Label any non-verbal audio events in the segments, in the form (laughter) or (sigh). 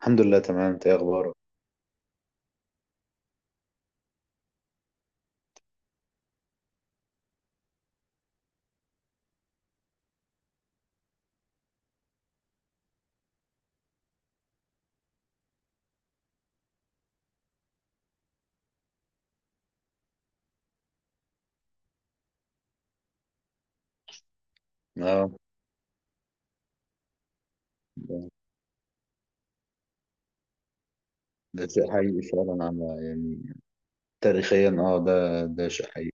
الحمد لله، تمام. انت ايه اخبارك؟ اه، ده شيء حقيقي فعلا، على يعني، تاريخيا، ده شيء حقيقي.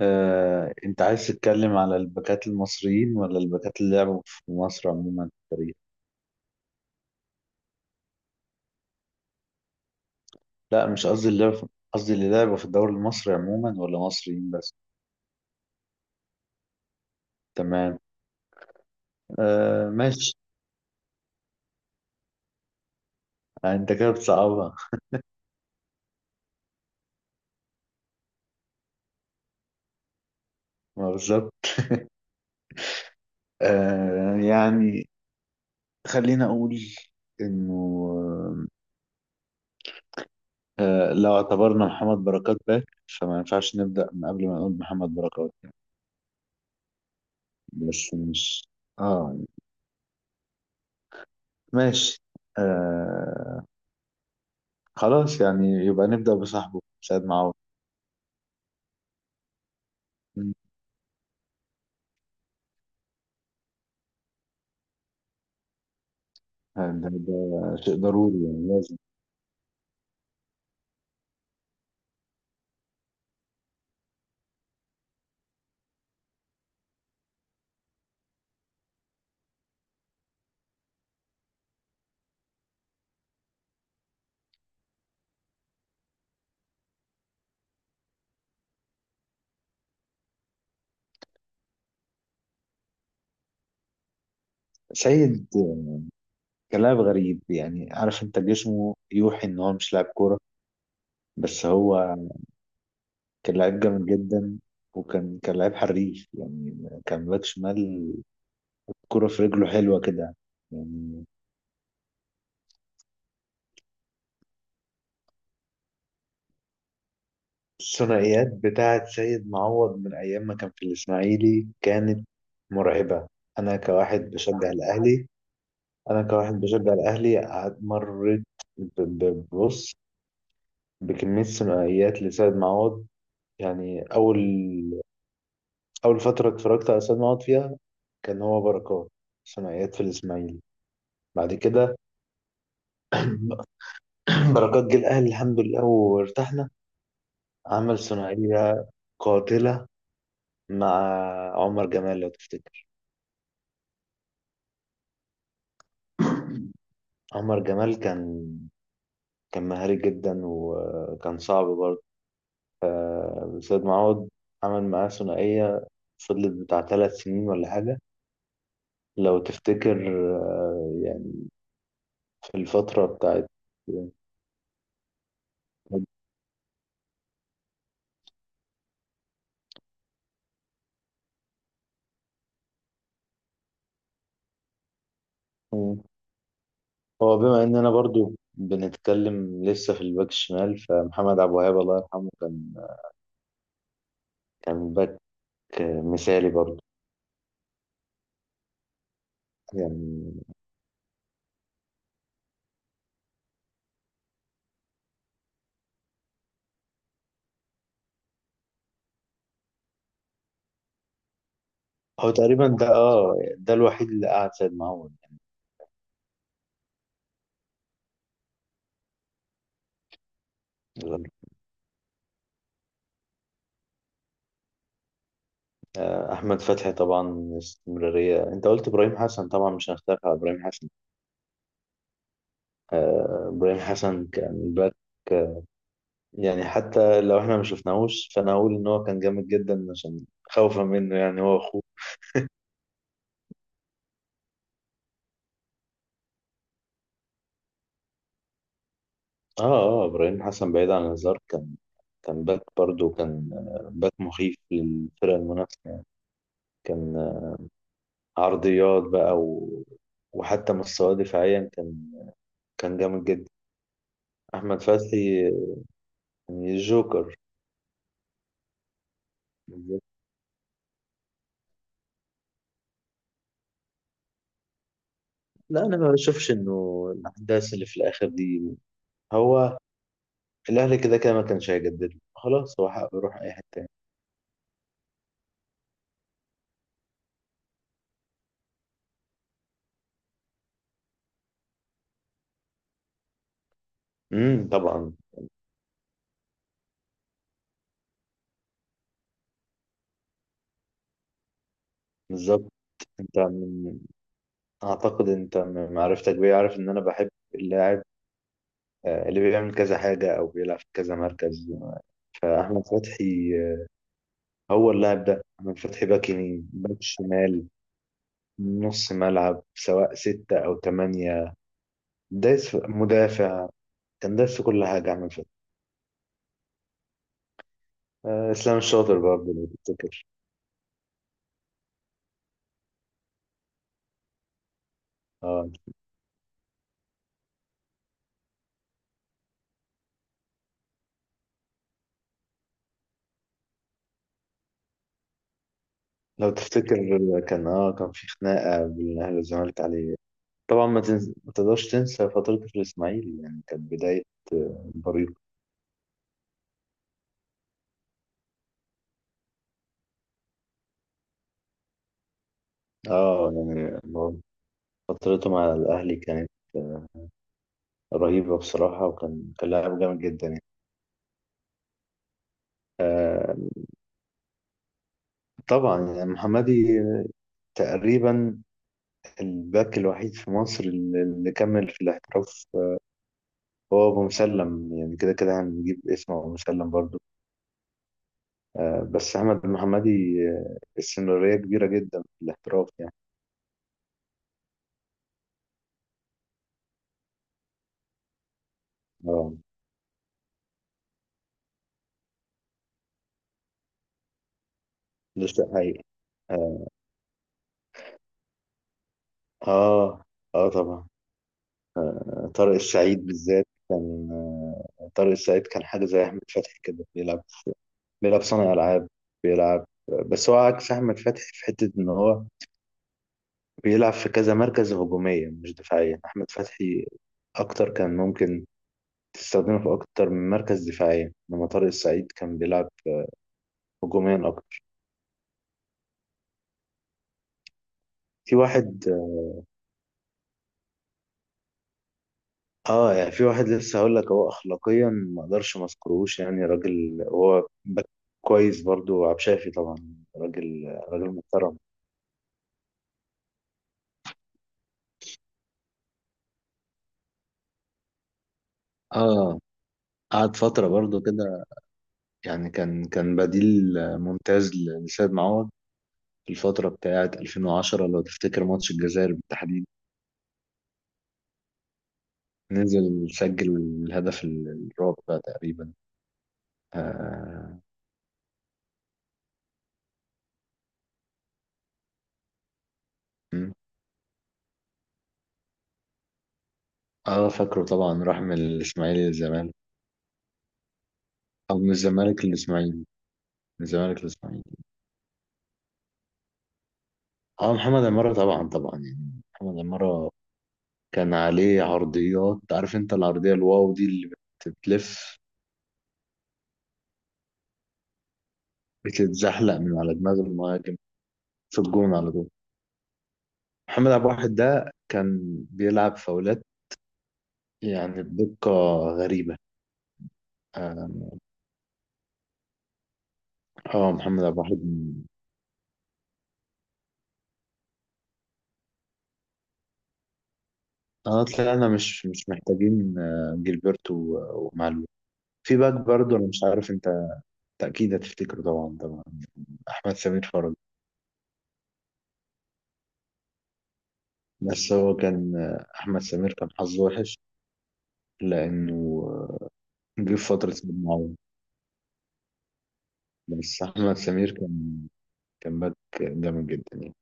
انت عايز تتكلم على الباكات المصريين ولا الباكات اللي لعبوا في مصر عموما في التاريخ؟ لا، مش قصدي قصدي اللي لعبوا في الدوري المصري عموما ولا مصريين بس. تمام. آه، ماشي. انت كده بتصعبها. (laughs) ما بالظبط. يعني، خلينا اقول انه، لو اعتبرنا محمد بركات باك فما ينفعش نبدأ من قبل ما نقول محمد بركات. بس مش، اه، ماشي. آه، خلاص، يعني يبقى نبدأ بصاحبه سيد معوض. مم. ده شيء ضروري، يعني لازم. سيد، كلاعب غريب، يعني عارف انت جسمه يوحي ان هو مش لاعب كورة. بس هو كان لعيب جامد جدا. وكان كان لعيب حريف، يعني كان باك شمال، كرة في رجله حلوة كده يعني. الثنائيات بتاعة سيد معوض من أيام ما كان في الإسماعيلي كانت مرعبة. أنا كواحد بشجع الأهلي أنا كواحد بشجع الأهلي مريت ب- ب- ببص بكمية ثنائيات لسيد معوض. يعني أول فترة اتفرجت على سيد معوض فيها كان هو بركات، ثنائيات في الإسماعيلي. بعد كده (clears throat) بركات جه الأهلي، الحمد لله وارتحنا. عمل ثنائية قاتلة مع عمر جمال لو تفتكر. عمر جمال كان مهاري جدا، وكان صعب برضه. سيد معوض عمل معاه ثنائية فضلت بتاع 3 سنين ولا حاجة لو تفتكر. يعني في الفترة بتاعت (laughs) مم. هو بما إننا برضو بنتكلم لسه في الباك الشمال، فمحمد عبد الوهاب الله يرحمه كان باك مثالي برضو يعني. هو تقريبا ده الوحيد اللي قعد سيد معوض. أحمد فتحي طبعا، استمرارية. أنت قلت إبراهيم حسن، طبعا مش هنختلف على إبراهيم حسن. إبراهيم حسن كان باك، يعني حتى لو إحنا ما شفناهوش فأنا أقول إن هو كان جامد جدا عشان خوفا منه، يعني هو أخوه. إبراهيم حسن بعيد عن الهزار، كان باك برضه. كان باك مخيف للفرق المنافسة يعني. كان عرضيات بقى، وحتى مستواه دفاعيا كان جامد جدا. أحمد فتحي، يعني جوكر. لا، انا ما بشوفش انه الاحداث اللي في الاخر دي، هو الاهلي كده كده ما كانش هيجدد له. خلاص هو حقه يروح اي حته تاني. طبعا، بالظبط. انت من اعتقد انت من معرفتك بيه عارف ان انا بحب اللاعب، اللي بيعمل كذا حاجه او بيلعب في كذا مركز. فاحمد فتحي، هو اللاعب ده. احمد فتحي باك يمين، باك شمال، نص ملعب سواء ستة أو تمانية، دايس مدافع. كان دايس في كل حاجة أحمد فتحي. إسلام الشاطر برضه لو تفتكر. آه. لو تفتكر كان في خناقة بين الأهلي والزمالك عليه. طبعا ما تقدرش تنسى فترة الإسماعيلي، يعني كانت بداية، بريق. اه يعني فترته مع الأهلي كانت، آه، رهيبة بصراحة، وكان كان لاعب جامد جدا يعني. آه طبعا، يعني محمدي تقريبا الباك الوحيد في مصر اللي كمل في الاحتراف. هو أبو مسلم، يعني كده كده هنجيب اسمه أبو مسلم برضه. بس أحمد المحمدي، استمرارية كبيرة جدا في الاحتراف يعني. اه، لسه حقيقي. اه. اه، طبعا. طارق السعيد بالذات كان، طارق السعيد كان حاجة زي أحمد فتحي كده، بيلعب صانع ألعاب بيلعب. بس هو عكس أحمد فتحي في حتة إن هو بيلعب في كذا مركز هجومية مش دفاعية. أحمد فتحي أكتر كان ممكن تستخدمه في أكتر من مركز دفاعيا، إنما طارق السعيد كان بيلعب هجوميا أكتر. في واحد في واحد لسه هقول لك. هو اخلاقيا ما اقدرش ما اذكرهوش، يعني راجل. هو باك كويس برضو، عبد شافي طبعا، راجل، راجل محترم. اه، قعد فترة برضو كده. يعني كان بديل ممتاز لسيد معوض في الفترة بتاعة 2010، لو تفتكر ماتش الجزائر بالتحديد. نزل سجل الهدف الرابع تقريبا. اه. م. فاكره طبعا، راح من الإسماعيلي للزمالك، أو من الزمالك للإسماعيلي، من الزمالك للإسماعيلي. اه محمد عمارة، طبعا طبعا يعني. محمد عمارة كان عليه عرضيات. عارف انت العرضية الواو دي اللي بتلف، بتتزحلق من على دماغ المهاجم، في الجون على طول. محمد عبد الواحد ده كان بيلعب فاولات، يعني بدقة غريبة. اه، محمد عبد الواحد اه طلعنا مش محتاجين، جilberto ومعلول. في باك برضه، انا مش عارف انت، تأكيد هتفتكره طبعا طبعا، احمد سمير فرج. بس هو كان، احمد سمير كان حظه وحش لأنه جه في فترة معاهم. بس أحمد سمير كان باك جامد جدا يعني.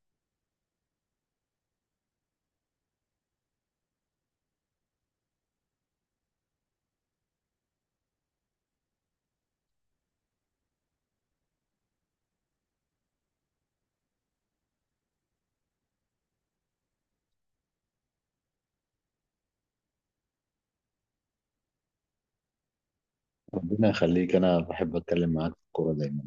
ربنا يخليك، أنا بحب أتكلم معاك في الكورة دايما.